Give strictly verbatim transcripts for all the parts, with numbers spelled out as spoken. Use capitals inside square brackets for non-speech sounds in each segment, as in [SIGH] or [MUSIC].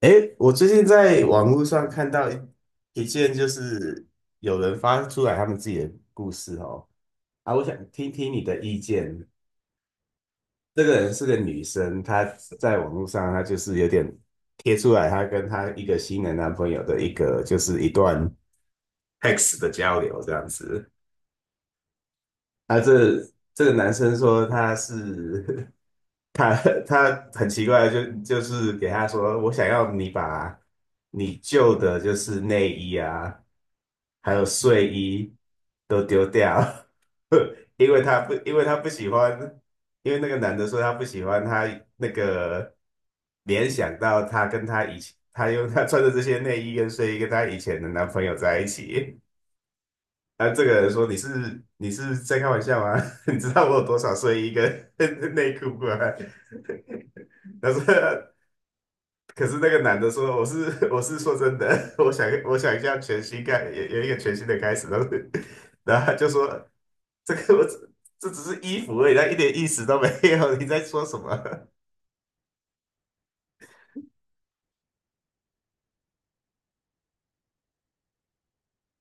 诶，我最近在网络上看到一一件，就是有人发出来他们自己的故事哦。啊，我想听听你的意见。这个人是个女生，她在网络上，她就是有点贴出来，她跟她一个新的男朋友的一个，就是一段 text 的交流这样子。啊，这这个男生说他是 [LAUGHS] 他他很奇怪，就就是给他说，我想要你把你旧的就是内衣啊。还有睡衣都丢掉。[LAUGHS] 因为他不，因为他不喜欢，因为那个男的说他不喜欢他那个联想到他跟他以前，他用他穿的这些内衣跟睡衣跟他以前的男朋友在一起。啊，这个人说你是你是在开玩笑吗？[LAUGHS] 你知道我有多少睡衣跟 [LAUGHS] 内裤吗？[LAUGHS] 他说可是那个男的说："我是 [LAUGHS] 我是说真的，[LAUGHS] 我想我想一下全新开有有一个全新的开始。"然后 [LAUGHS] 然后他就说："这个我只这只是衣服而已，它一点意思都没有，[LAUGHS] 你在说什么？"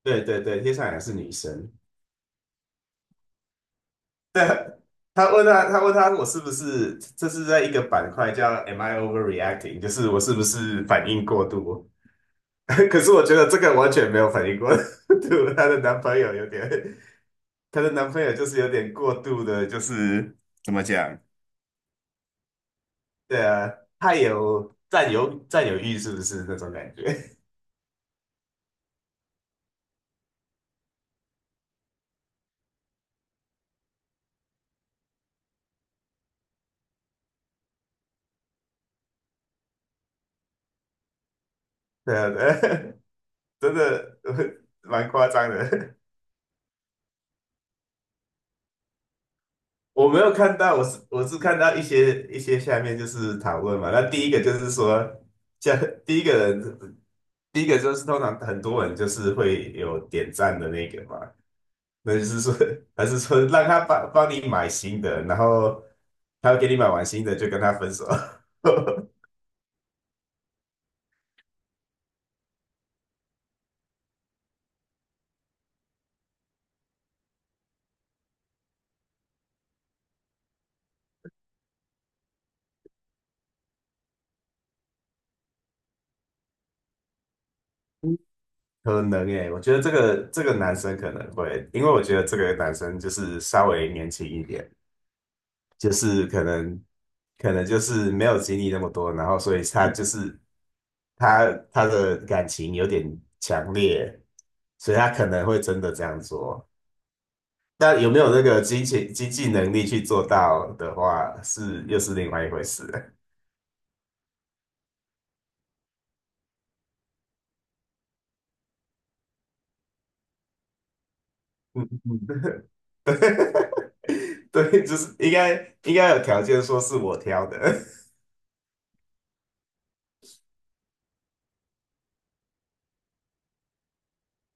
对对对，接下来是女生。对，他问他他问他我是不是这是在一个板块叫 "Am I overreacting",就是我是不是反应过度？[LAUGHS] 可是我觉得这个完全没有反应过度。[LAUGHS] 她的男朋友有点，她的男朋友就是有点过度的，就是。怎么讲？对啊，太有占有占有欲是不是那种感觉？[LAUGHS] 对啊，对啊。 [LAUGHS] 真的呃蛮夸张的。[LAUGHS] 我没有看到，我是我是看到一些一些下面就是讨论嘛。那第一个就是说，像第一个人，第一个就是通常很多人就是会有点赞的那个嘛。那就是说，还是说让他帮帮你买新的，然后他给你买完新的就跟他分手。[LAUGHS] 可能诶，我觉得这个这个男生可能会，因为我觉得这个男生就是稍微年轻一点，就是可能可能就是没有经历那么多，然后所以他就是他他的感情有点强烈，所以他可能会真的这样做。但有没有那个经济经济能力去做到的话，是又是另外一回事。[LAUGHS] 嗯嗯。 [LAUGHS] 对，就是应该应该有条件说是我挑的。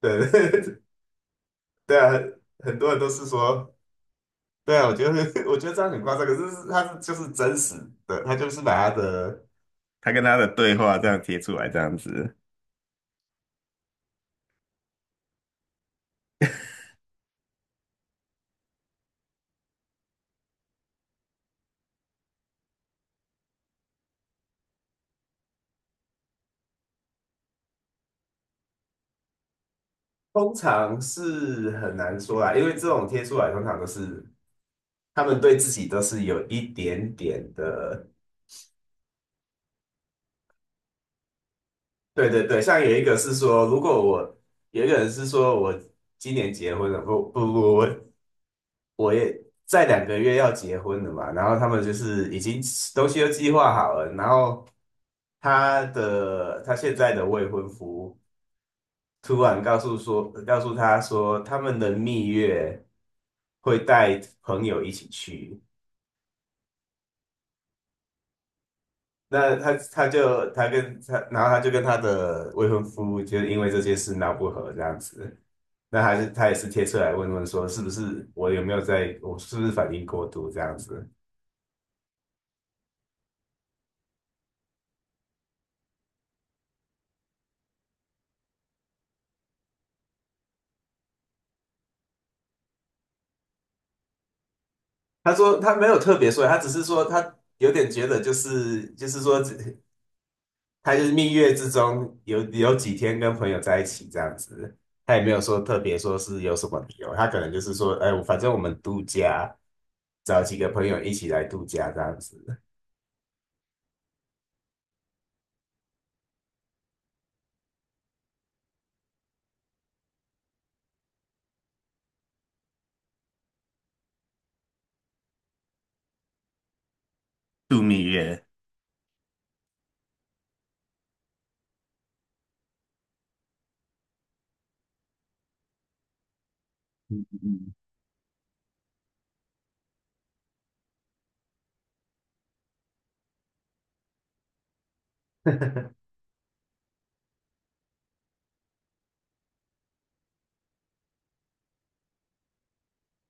[LAUGHS] 对。 [LAUGHS] 对啊，很多人都是说，对啊，我觉得 [LAUGHS] 我觉得这样很夸张，可是是他是就是真实的，他就是把他的他跟他的对话这样贴出来，这样子。通常是很难说啦，因为这种贴出来通常都是他们对自己都是有一点点的。对对对，像有一个是说，如果我有一个人是说我今年结婚了，不不不，我我也在两个月要结婚了嘛，然后他们就是已经东西都计划好了，然后他的他现在的未婚夫突然告诉说，告诉他说他们的蜜月会带朋友一起去。那他他就他跟他，然后他就跟他的未婚夫就是因为这件事闹不和这样子。那还是他也是贴出来问问说，是不是我有没有在，我是不是反应过度这样子？他说他没有特别说，他只是说他有点觉得就是就是说他就是蜜月之中有有几天跟朋友在一起这样子，他也没有说特别说是有什么理由，他可能就是说，哎，反正我们度假，找几个朋友一起来度假这样子。嗯嗯嗯。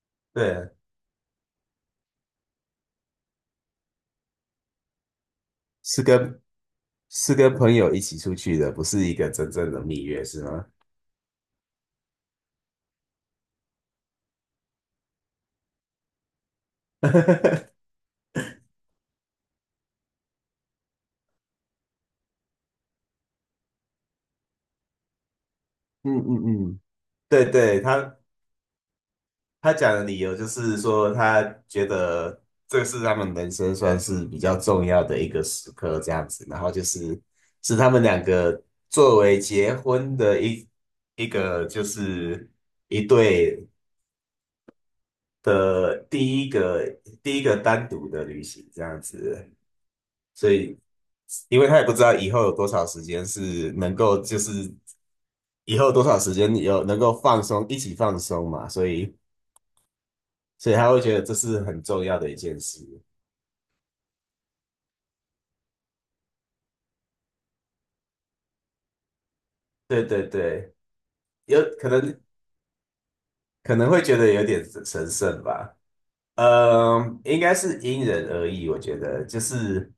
[LAUGHS]，对，是跟是跟朋友一起出去的，不是一个真正的蜜月，是吗？[LAUGHS] 嗯嗯嗯，对对，他他讲的理由就是说，他觉得这是他们人生算是比较重要的一个时刻，这样子。然后就是是他们两个作为结婚的一一个就是一对的第一个第一个单独的旅行这样子。所以，因为他也不知道以后有多少时间是能够就是以后多少时间有能够放松一起放松嘛，所以所以他会觉得这是很重要的一件事。对对对，有可能可能会觉得有点神圣吧。嗯，应该是因人而异，我觉得就是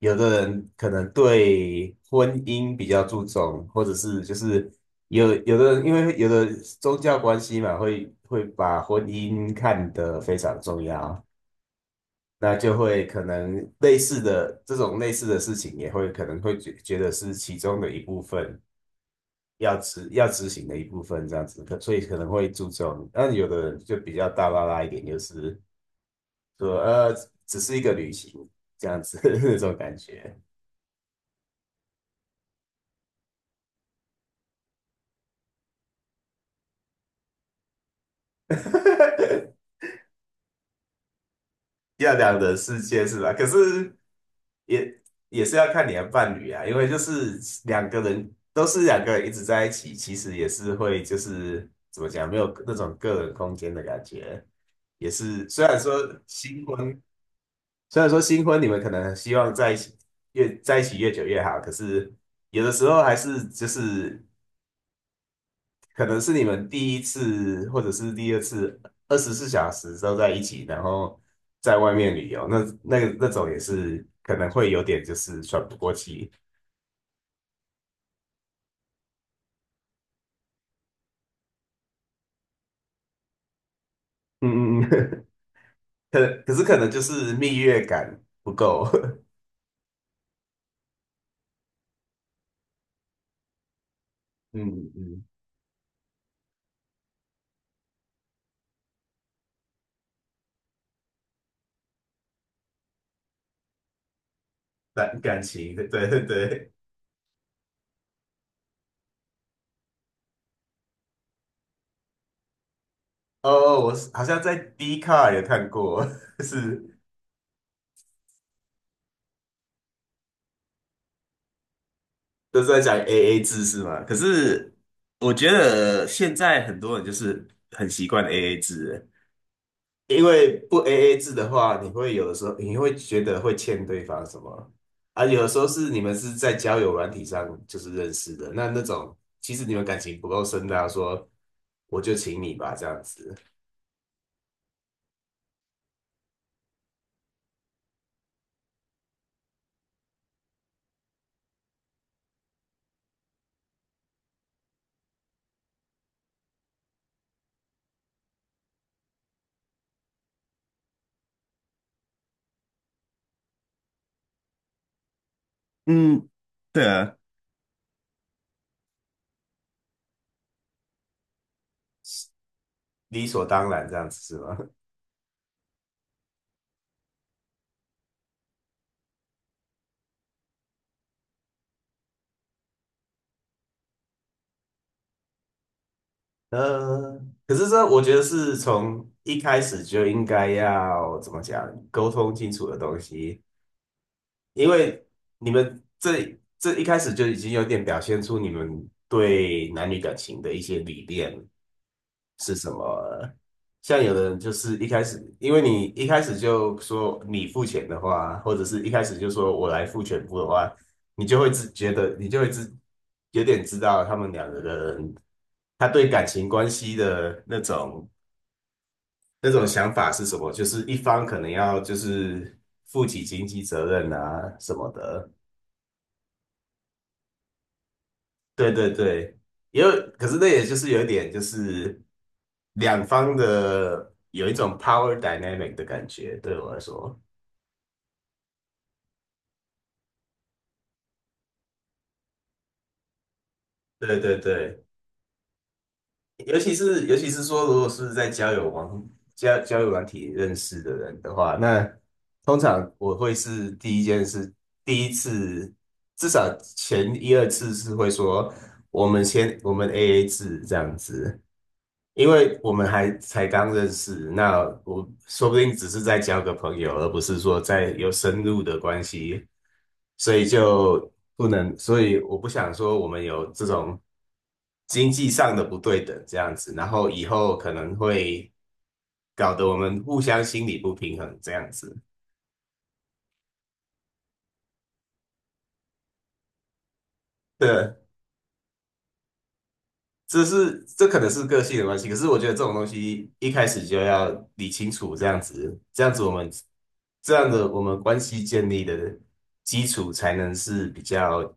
有的人可能对婚姻比较注重，或者是就是有有的人因为有的宗教关系嘛，会会把婚姻看得非常重要，那就会可能类似的这种类似的事情也会可能会觉觉得是其中的一部分，要执要执行的一部分这样子，可所以可能会注重。那有的人就比较大拉拉一点，就是说呃，只是一个旅行这样子 [LAUGHS] 那种感觉。[LAUGHS] 要两人世界是吧？可是也也是要看你的伴侣啊，因为就是两个人都是两个人一直在一起，其实也是会就是怎么讲，没有那种个人空间的感觉。也是虽然说新婚虽然说新婚你们可能希望在一起越在一起越久越好，可是有的时候还是就是可能是你们第一次或者是第二次二十四小时都在一起，然后在外面旅游，那那那种也是可能会有点就是喘不过气。嗯嗯嗯。[LAUGHS] 可可是可能就是蜜月感不够。[LAUGHS] 嗯嗯，感感情，对对对。哦，我是好像在 d 卡 c a r 有看过。[LAUGHS] 是都是在讲 A A 制是吗？可是我觉得现在很多人就是很习惯 A A 制了，因为不 A A 制的话，你会有的时候你会觉得会欠对方什么啊？有的时候是你们是在交友软体上就是认识的，那那种其实你们感情不够深的家说我就请你吧，这样子。嗯，对啊，理所当然这样子是吗？呃，可是这我觉得是从一开始就应该要怎么讲，沟通清楚的东西，因为你们这这一开始就已经有点表现出你们对男女感情的一些理念，是什么？像有的人就是一开始，因为你一开始就说你付钱的话，或者是一开始就说我来付全部的话，你就会自觉得，你就会自有点知道他们两个人他对感情关系的那种那种想法是什么，就是一方可能要就是负起经济责任啊什么的。对对对，也有，可是那也就是有一点，就是两方的有一种 power dynamic 的感觉，对我来说。对对对，尤其是尤其是说，如果是在交友网交交友软体认识的人的话，那通常我会是第一件事，第一次至少前一二次是会说，我们先我们 A A 制这样子。因为我们还才刚认识，那我说不定只是在交个朋友，而不是说在有深入的关系，所以就不能，所以我不想说我们有这种经济上的不对等这样子，然后以后可能会搞得我们互相心理不平衡这样子。对，这是这可能是个性的关系，可是我觉得这种东西一开始就要理清楚，这样子，这样子我们这样的我们关系建立的基础才能是比较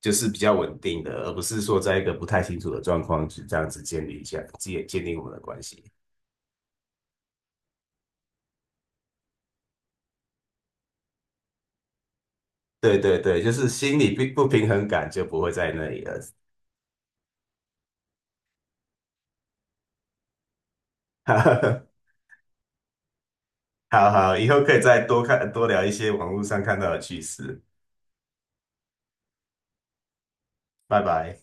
就是比较稳定的，而不是说在一个不太清楚的状况就这样子建立一下建建立我们的关系。对对对，就是心理不不平衡感就不会在那里了。[LAUGHS] 好好，以后可以再多看多聊一些网络上看到的趣事。拜拜。